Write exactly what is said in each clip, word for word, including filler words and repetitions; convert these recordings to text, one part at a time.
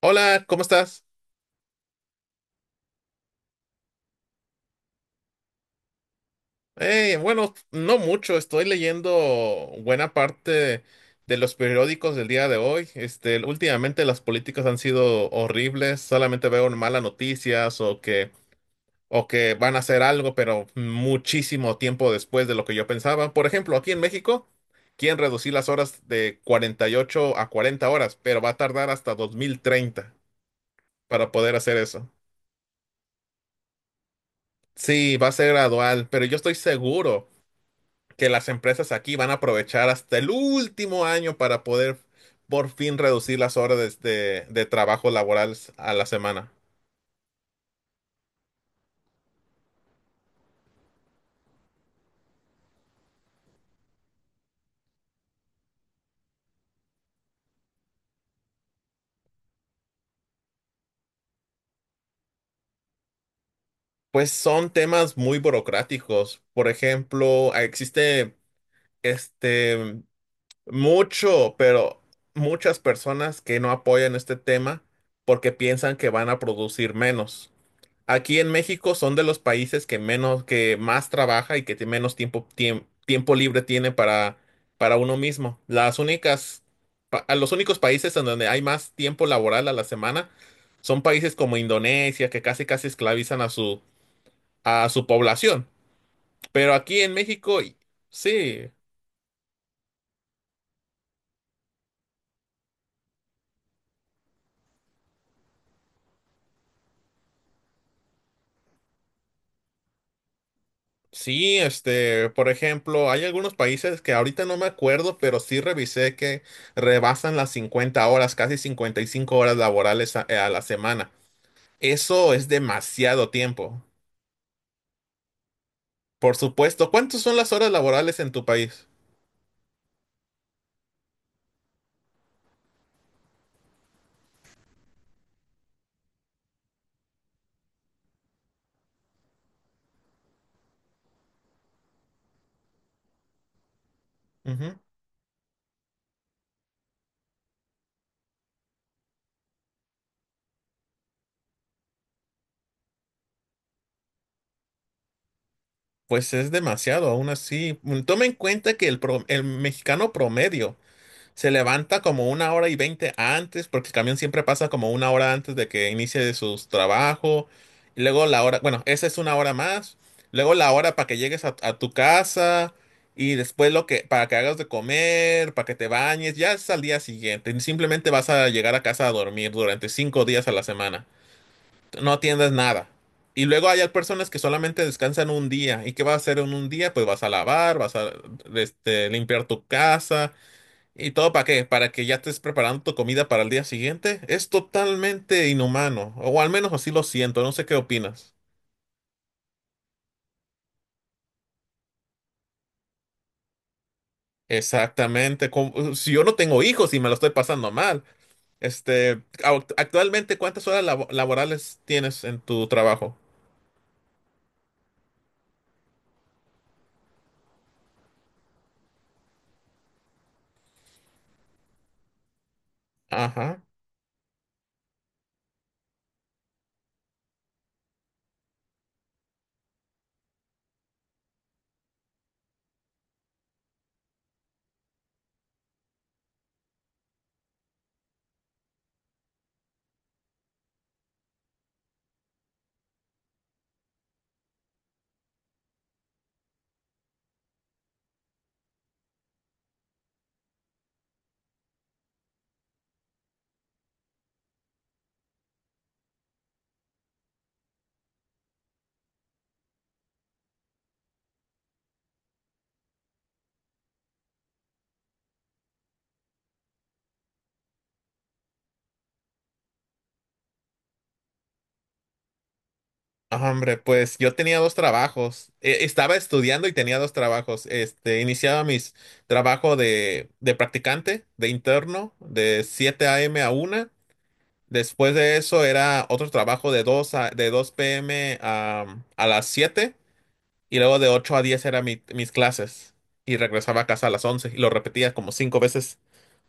Hola, ¿cómo estás? Eh, bueno, no mucho, estoy leyendo buena parte de los periódicos del día de hoy. Este, últimamente las políticas han sido horribles, solamente veo malas noticias o que, o que van a hacer algo, pero muchísimo tiempo después de lo que yo pensaba. Por ejemplo, aquí en México quieren reducir las horas de cuarenta y ocho a cuarenta horas, pero va a tardar hasta dos mil treinta para poder hacer eso. Sí, va a ser gradual, pero yo estoy seguro que las empresas aquí van a aprovechar hasta el último año para poder por fin reducir las horas de, de- de trabajo laboral a la semana. Pues son temas muy burocráticos. Por ejemplo, existe este mucho, pero muchas personas que no apoyan este tema porque piensan que van a producir menos. Aquí en México son de los países que menos, que más trabaja y que tie- menos tiempo, tiem- tiempo libre tiene para, para uno mismo. Las únicas, pa- a los únicos países en donde hay más tiempo laboral a la semana son países como Indonesia, que casi casi esclavizan a su, a su población. Pero aquí en México. Y- sí, sí. Este, por ejemplo, hay algunos países que ahorita no me acuerdo, pero sí revisé que rebasan las cincuenta horas, casi cincuenta y cinco horas laborales a a la semana. Eso es demasiado tiempo. Por supuesto. ¿Cuántas son las horas laborales en tu país? Ujú. Pues es demasiado, aún así. Mm, Toma en cuenta que el, pro- el mexicano promedio se levanta como una hora y veinte antes, porque el camión siempre pasa como una hora antes de que inicie su trabajo. Y luego la hora, bueno, esa es una hora más. Luego la hora para que llegues a, a tu casa. Y después lo que, para que hagas de comer, para que te bañes. Ya es al día siguiente. Simplemente vas a llegar a casa a dormir durante cinco días a la semana. No atiendes nada. Y luego hay personas que solamente descansan un día. ¿Y qué vas a hacer en un día? Pues vas a lavar, vas a este, limpiar tu casa. ¿Y todo para qué? ¿Para que ya estés preparando tu comida para el día siguiente? Es totalmente inhumano, o al menos así lo siento, no sé qué opinas. Exactamente, como- si yo no tengo hijos y me lo estoy pasando mal. Este, au- actualmente, ¿cuántas horas labo- laborales tienes en tu trabajo? Ajá. Ah, hombre, pues yo tenía dos trabajos. Eh, estaba estudiando y tenía dos trabajos. Este, iniciaba mis trabajo de, de practicante, de interno, de siete a m a una. Después de eso era otro trabajo de dos a, de dos p m a, a las siete y luego de ocho a diez eran mis clases y regresaba a casa a las once y lo repetía como cinco veces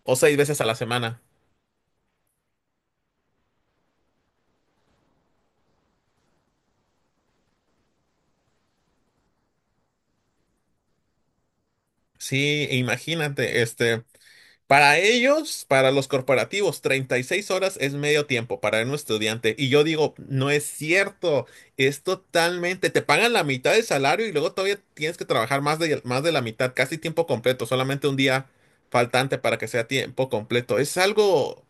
o seis veces a la semana. Sí, imagínate, este, Para ellos, para los corporativos, treinta y seis horas es medio tiempo para un estudiante. Y yo digo, no es cierto, es totalmente, te pagan la mitad del salario y luego todavía tienes que trabajar más de, más de la mitad, casi tiempo completo, solamente un día faltante para que sea tiempo completo. Es algo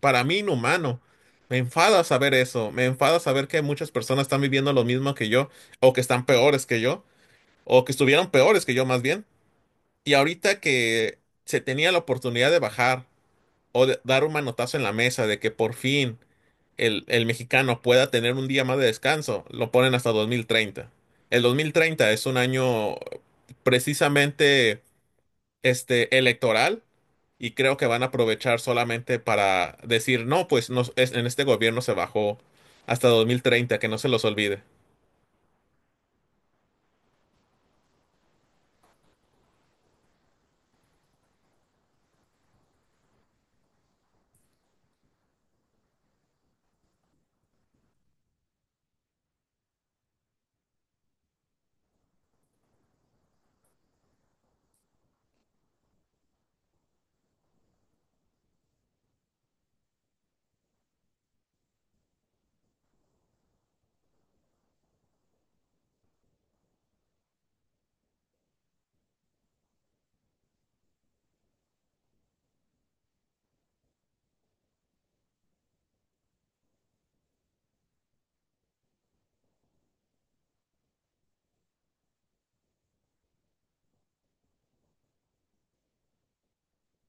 para mí inhumano. Me enfada saber eso, me enfada saber que muchas personas están viviendo lo mismo que yo, o que están peores que yo, o que estuvieron peores que yo más bien. Y ahorita que se tenía la oportunidad de bajar o de- dar un manotazo en la mesa de que por fin el, el mexicano pueda tener un día más de descanso, lo ponen hasta dos mil treinta. El dos mil treinta es un año precisamente este, electoral y creo que van a aprovechar solamente para decir, no, pues nos- es- en este gobierno se bajó hasta dos mil treinta, que no se los olvide.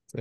Sí.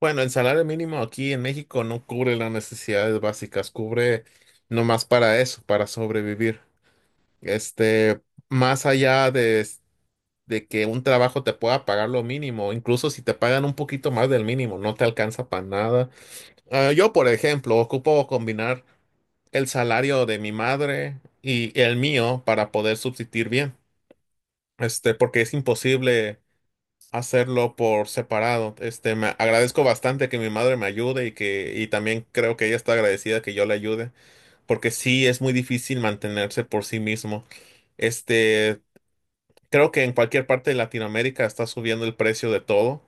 Bueno, el salario mínimo aquí en México no cubre las necesidades básicas, cubre nomás para eso, para sobrevivir. Este, Más allá de, s- de que un trabajo te pueda pagar lo mínimo, incluso si te pagan un poquito más del mínimo, no te alcanza para nada. Ah, yo, por ejemplo, ocupo combinar el salario de mi madre y el mío para poder subsistir bien. Este, porque es imposible hacerlo por separado. Este, me agradezco bastante que mi madre me ayude y que, y también creo que ella está agradecida que yo le ayude, porque sí es muy difícil mantenerse por sí mismo. Este, Creo que en cualquier parte de Latinoamérica está subiendo el precio de todo.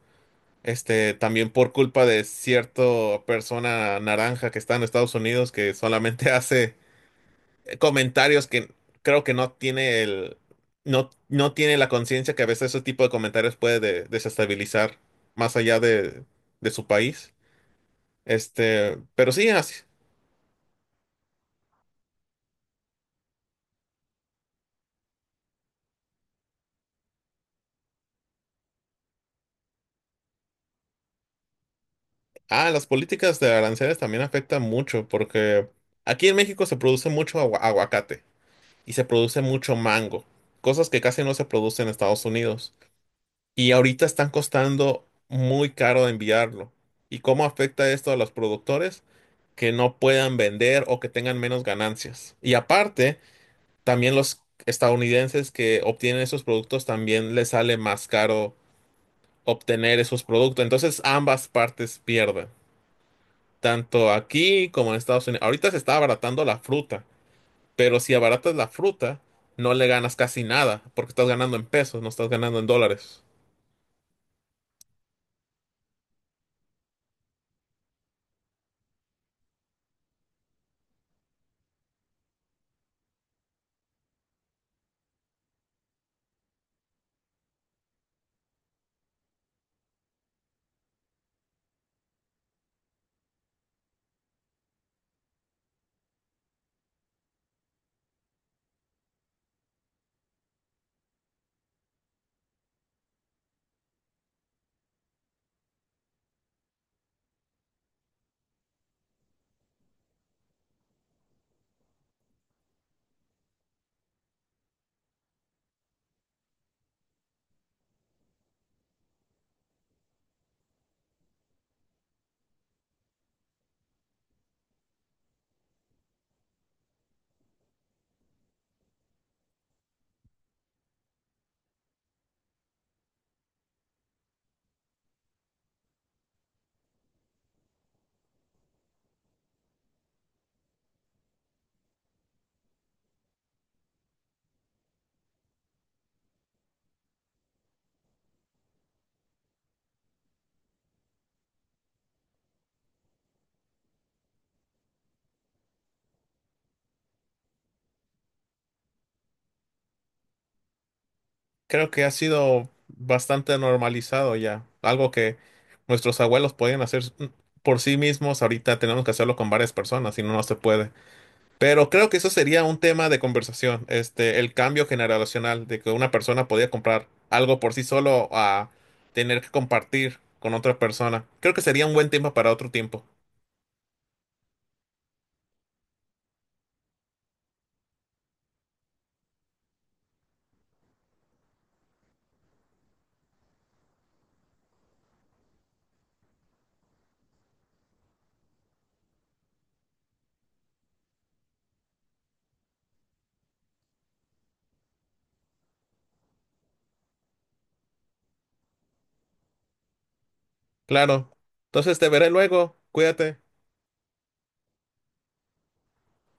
Este, también por culpa de cierta persona naranja que está en Estados Unidos que solamente hace comentarios que creo que no tiene el, no, no tiene la conciencia que a veces ese tipo de comentarios puede de- desestabilizar más allá de, de su país. Este, pero sí, así- ah, las políticas de aranceles también afectan mucho porque aquí en México se produce mucho agua- aguacate. Y se produce mucho mango, cosas que casi no se producen en Estados Unidos. Y ahorita están costando muy caro de enviarlo. ¿Y cómo afecta esto a los productores? Que no puedan vender o que tengan menos ganancias. Y aparte, también los estadounidenses que obtienen esos productos también les sale más caro obtener esos productos. Entonces ambas partes pierden, tanto aquí como en Estados Unidos. Ahorita se está abaratando la fruta. Pero si abaratas la fruta, no le ganas casi nada, porque estás ganando en pesos, no estás ganando en dólares. Creo que ha sido bastante normalizado ya, algo que nuestros abuelos podían hacer por sí mismos, ahorita tenemos que hacerlo con varias personas, si no, no se puede. Pero creo que eso sería un tema de conversación, este, el cambio generacional, de que una persona podía comprar algo por sí solo a tener que compartir con otra persona. Creo que sería un buen tema para otro tiempo. Claro. Entonces te veré luego. Cuídate.